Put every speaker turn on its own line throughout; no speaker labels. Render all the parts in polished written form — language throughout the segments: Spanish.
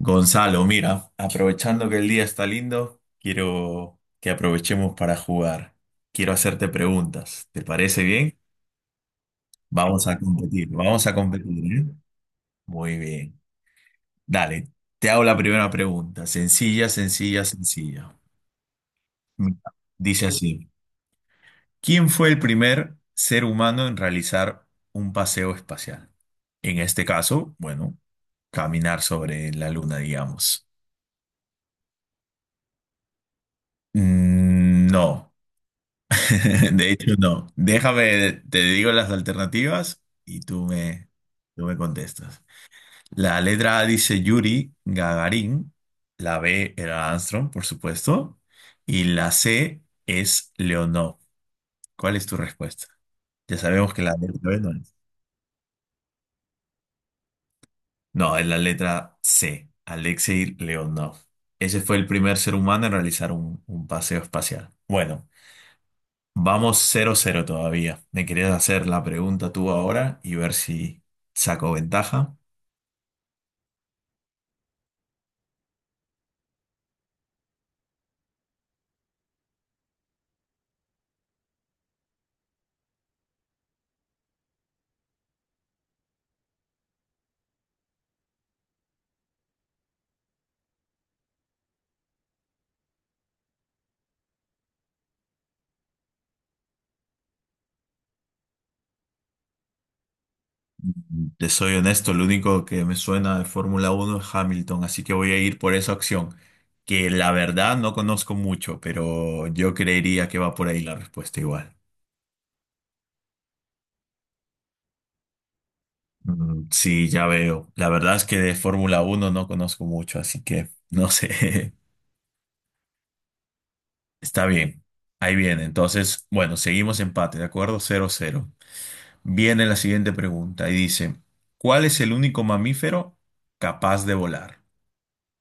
Gonzalo, mira, aprovechando que el día está lindo, quiero que aprovechemos para jugar. Quiero hacerte preguntas. ¿Te parece bien? Vamos a competir, ¿eh? Muy bien. Dale, te hago la primera pregunta. Sencilla, sencilla, sencilla. Mira, dice así, ¿quién fue el primer ser humano en realizar un paseo espacial? En este caso, bueno, caminar sobre la luna, digamos. No. De hecho, no. Déjame, te digo las alternativas y tú me contestas. La letra A dice Yuri Gagarin, la B era Armstrong, por supuesto, y la C es Leonov. ¿Cuál es tu respuesta? Ya sabemos que la letra B no es. No, es la letra C, Alexei Leonov. Ese fue el primer ser humano en realizar un paseo espacial. Bueno. Vamos 0-0 todavía. Me querías hacer la pregunta tú ahora y ver si saco ventaja. Te soy honesto, lo único que me suena de Fórmula Uno es Hamilton, así que voy a ir por esa opción, que la verdad no conozco mucho, pero yo creería que va por ahí la respuesta igual. Sí, ya veo. La verdad es que de Fórmula Uno no conozco mucho, así que no sé. Está bien. Ahí viene. Entonces, bueno, seguimos empate, ¿de acuerdo? 0-0. Viene la siguiente pregunta y dice, ¿cuál es el único mamífero capaz de volar?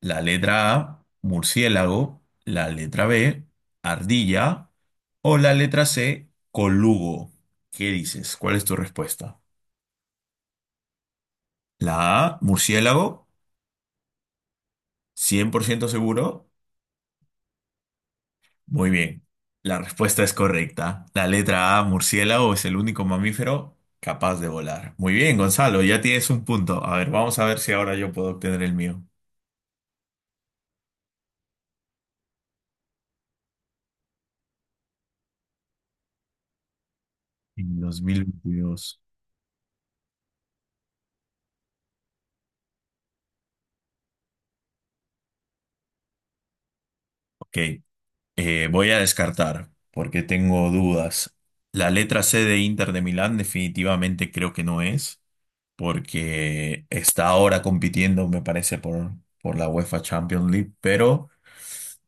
La letra A, murciélago, la letra B, ardilla o la letra C, colugo. ¿Qué dices? ¿Cuál es tu respuesta? La A, murciélago, 100% seguro. Muy bien, la respuesta es correcta. La letra A, murciélago, es el único mamífero capaz de volar. Muy bien, Gonzalo, ya tienes un punto. A ver, vamos a ver si ahora yo puedo obtener el mío. En 2022. Ok, voy a descartar porque tengo dudas. La letra C de Inter de Milán definitivamente creo que no es, porque está ahora compitiendo, me parece, por la UEFA Champions League, pero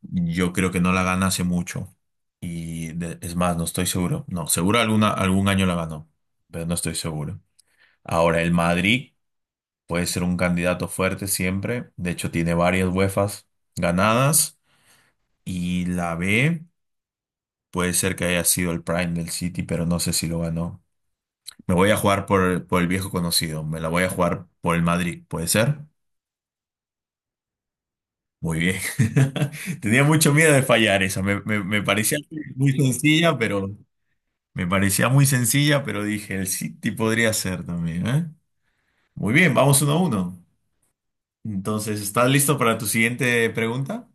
yo creo que no la gana hace mucho. Y es más, no estoy seguro. No, seguro algún año la ganó, pero no estoy seguro. Ahora, el Madrid puede ser un candidato fuerte siempre. De hecho, tiene varias UEFAs ganadas. Y la B puede ser que haya sido el Prime del City, pero no sé si lo ganó. Me voy a jugar por el viejo conocido, me la voy a jugar por el Madrid, ¿puede ser? Muy bien. Tenía mucho miedo de fallar esa, muy sencilla, pero me parecía muy sencilla, pero dije, el City podría ser también, ¿eh? Muy bien, vamos 1-1. Entonces, ¿estás listo para tu siguiente pregunta?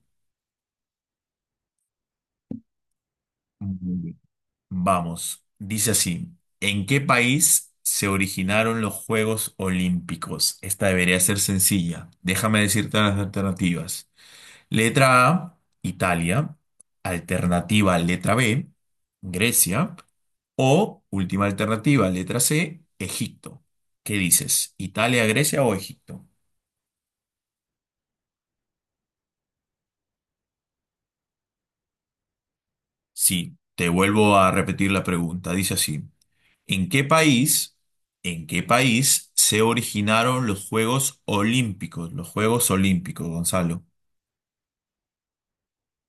Vamos, dice así, ¿en qué país se originaron los Juegos Olímpicos? Esta debería ser sencilla. Déjame decirte las alternativas. Letra A, Italia. Alternativa, letra B, Grecia. O última alternativa, letra C, Egipto. ¿Qué dices? ¿Italia, Grecia o Egipto? Sí, te vuelvo a repetir la pregunta. Dice así. ¿En qué país, en qué país se originaron los Juegos Olímpicos? Los Juegos Olímpicos, Gonzalo.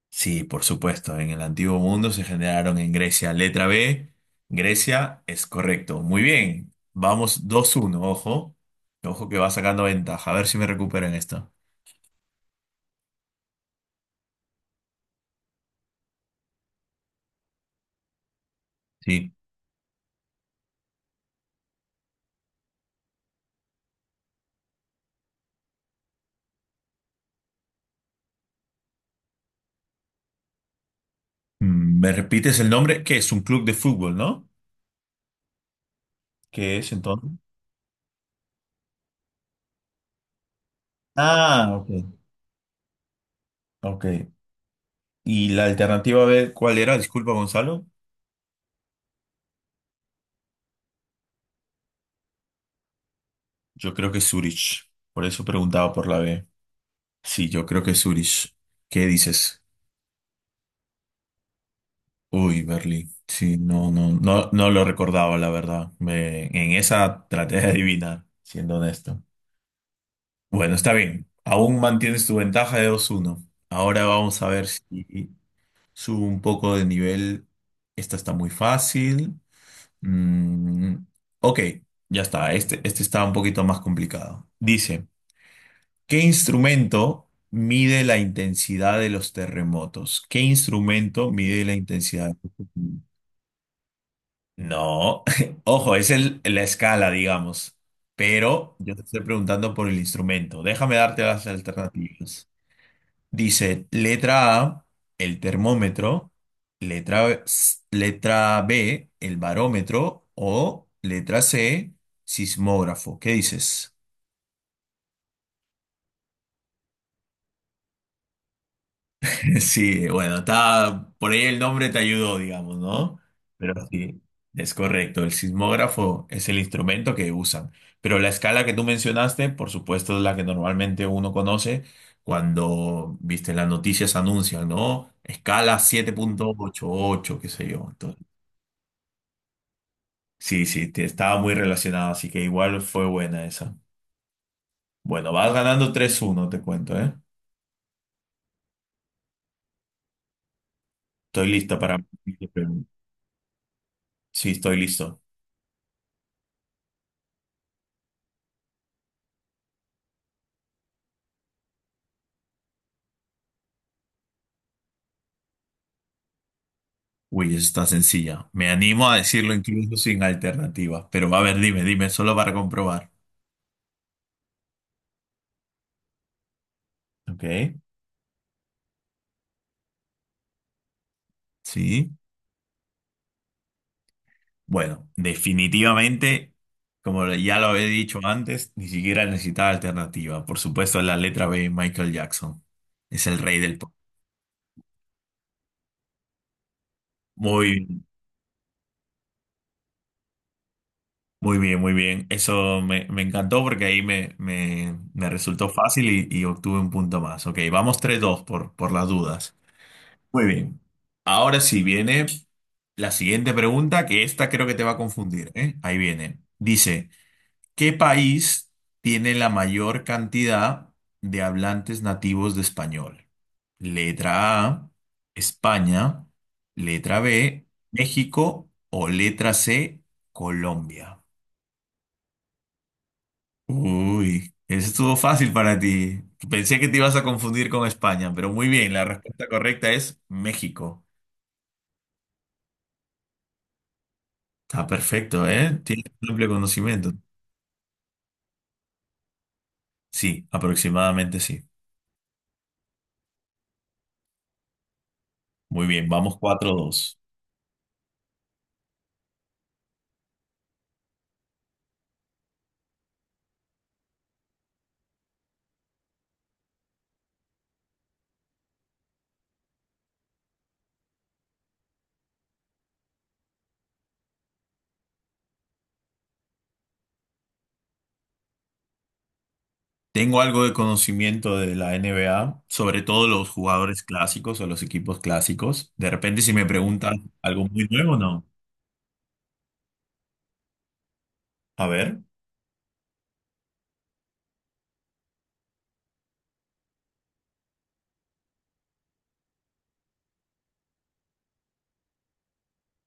Sí, por supuesto, en el antiguo mundo se generaron en Grecia. Letra B, Grecia es correcto. Muy bien, vamos 2-1. Ojo. Ojo que va sacando ventaja. A ver si me recupero en esta. Sí. ¿Me repites el nombre? Que es un club de fútbol, ¿no? ¿Qué es entonces? Ah, ok. Ok. ¿Y la alternativa B cuál era? Disculpa, Gonzalo. Yo creo que Zurich. Por eso preguntaba por la B. Sí, yo creo que Zurich. ¿Qué dices? Uy, Berlín. Sí, no, no, no, no lo recordaba, la verdad. En esa traté de adivinar, siendo honesto. Bueno, está bien. Aún mantienes tu ventaja de 2-1. Ahora vamos a ver si subo un poco de nivel. Esta está muy fácil. Mm, ok, ya está. Este está un poquito más complicado. Dice. ¿Qué instrumento mide la intensidad de los terremotos? ¿Qué instrumento mide la intensidad? De los terremotos? No, ojo, es la escala, digamos. Pero yo te estoy preguntando por el instrumento. Déjame darte las alternativas. Dice, letra A, el termómetro, letra B, el barómetro o letra C, sismógrafo. ¿Qué dices? Sí, bueno, está, por ahí el nombre te ayudó, digamos, ¿no? Pero sí, es correcto. El sismógrafo es el instrumento que usan. Pero la escala que tú mencionaste, por supuesto, es la que normalmente uno conoce cuando, viste, las noticias anuncian, ¿no? Escala 7,88, qué sé yo. Entonces, sí, sí, estaba muy relacionado, así que igual fue buena esa. Bueno, vas ganando 3-1, te cuento, ¿eh? Estoy listo para. Sí, estoy listo. Uy, eso está sencilla. Me animo a decirlo incluso sin alternativas. Pero a ver, dime, dime, solo para comprobar. Ok. Sí. Bueno, definitivamente, como ya lo había dicho antes, ni siquiera necesitaba alternativa. Por supuesto, la letra B, Michael Jackson. Es el rey del pop. Muy, muy bien, muy bien. Eso me encantó porque ahí me resultó fácil y obtuve un punto más. Ok, vamos 3-2 por las dudas. Muy bien. Ahora sí viene la siguiente pregunta, que esta creo que te va a confundir, ¿eh? Ahí viene. Dice, ¿qué país tiene la mayor cantidad de hablantes nativos de español? Letra A, España. Letra B, México. O letra C, Colombia. Uy, eso estuvo fácil para ti. Pensé que te ibas a confundir con España, pero muy bien, la respuesta correcta es México. Está perfecto, ¿eh? Tiene un amplio conocimiento. Sí, aproximadamente sí. Muy bien, vamos 4-2. Tengo algo de conocimiento de la NBA, sobre todo los jugadores clásicos o los equipos clásicos. De repente, si me preguntan algo muy nuevo, no. A ver.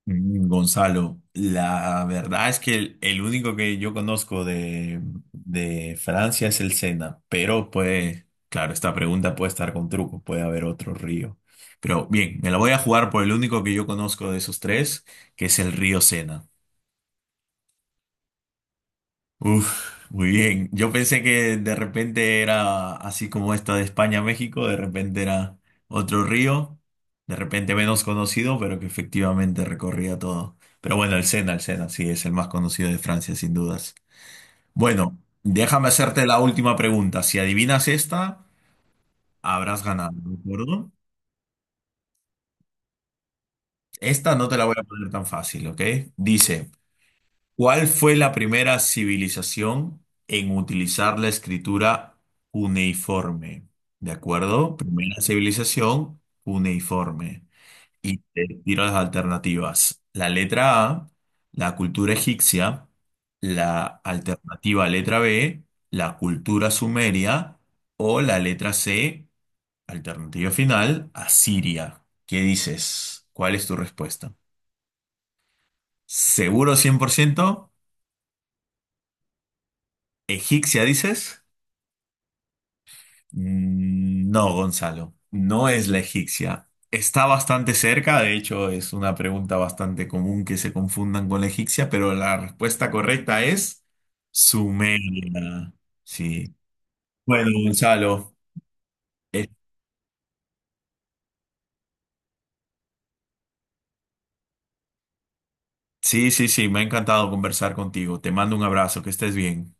Gonzalo, la verdad es que el único que yo conozco de Francia es el Sena, pero puede, claro, esta pregunta puede estar con truco, puede haber otro río. Pero bien, me la voy a jugar por el único que yo conozco de esos tres, que es el río Sena. Uf, muy bien. Yo pensé que de repente era así como esta de España a México, de repente era otro río, de repente menos conocido, pero que efectivamente recorría todo. Pero bueno, el Sena, sí, es el más conocido de Francia, sin dudas. Bueno, déjame hacerte la última pregunta. Si adivinas esta, habrás ganado, ¿de acuerdo? Esta no te la voy a poner tan fácil, ¿ok? Dice. ¿Cuál fue la primera civilización en utilizar la escritura cuneiforme? ¿De acuerdo? Primera civilización cuneiforme. Y te tiro las alternativas. La letra A, la cultura egipcia, la alternativa letra B, la cultura sumeria o la letra C, alternativa final, asiria. ¿Qué dices? ¿Cuál es tu respuesta? ¿Seguro 100%? ¿Egipcia dices? No, Gonzalo, no es la egipcia. Está bastante cerca, de hecho es una pregunta bastante común que se confundan con la egipcia, pero la respuesta correcta es Sumeria. Sí. Bueno, Gonzalo, eh, sí, sí, sí, me ha encantado conversar contigo. Te mando un abrazo, que estés bien.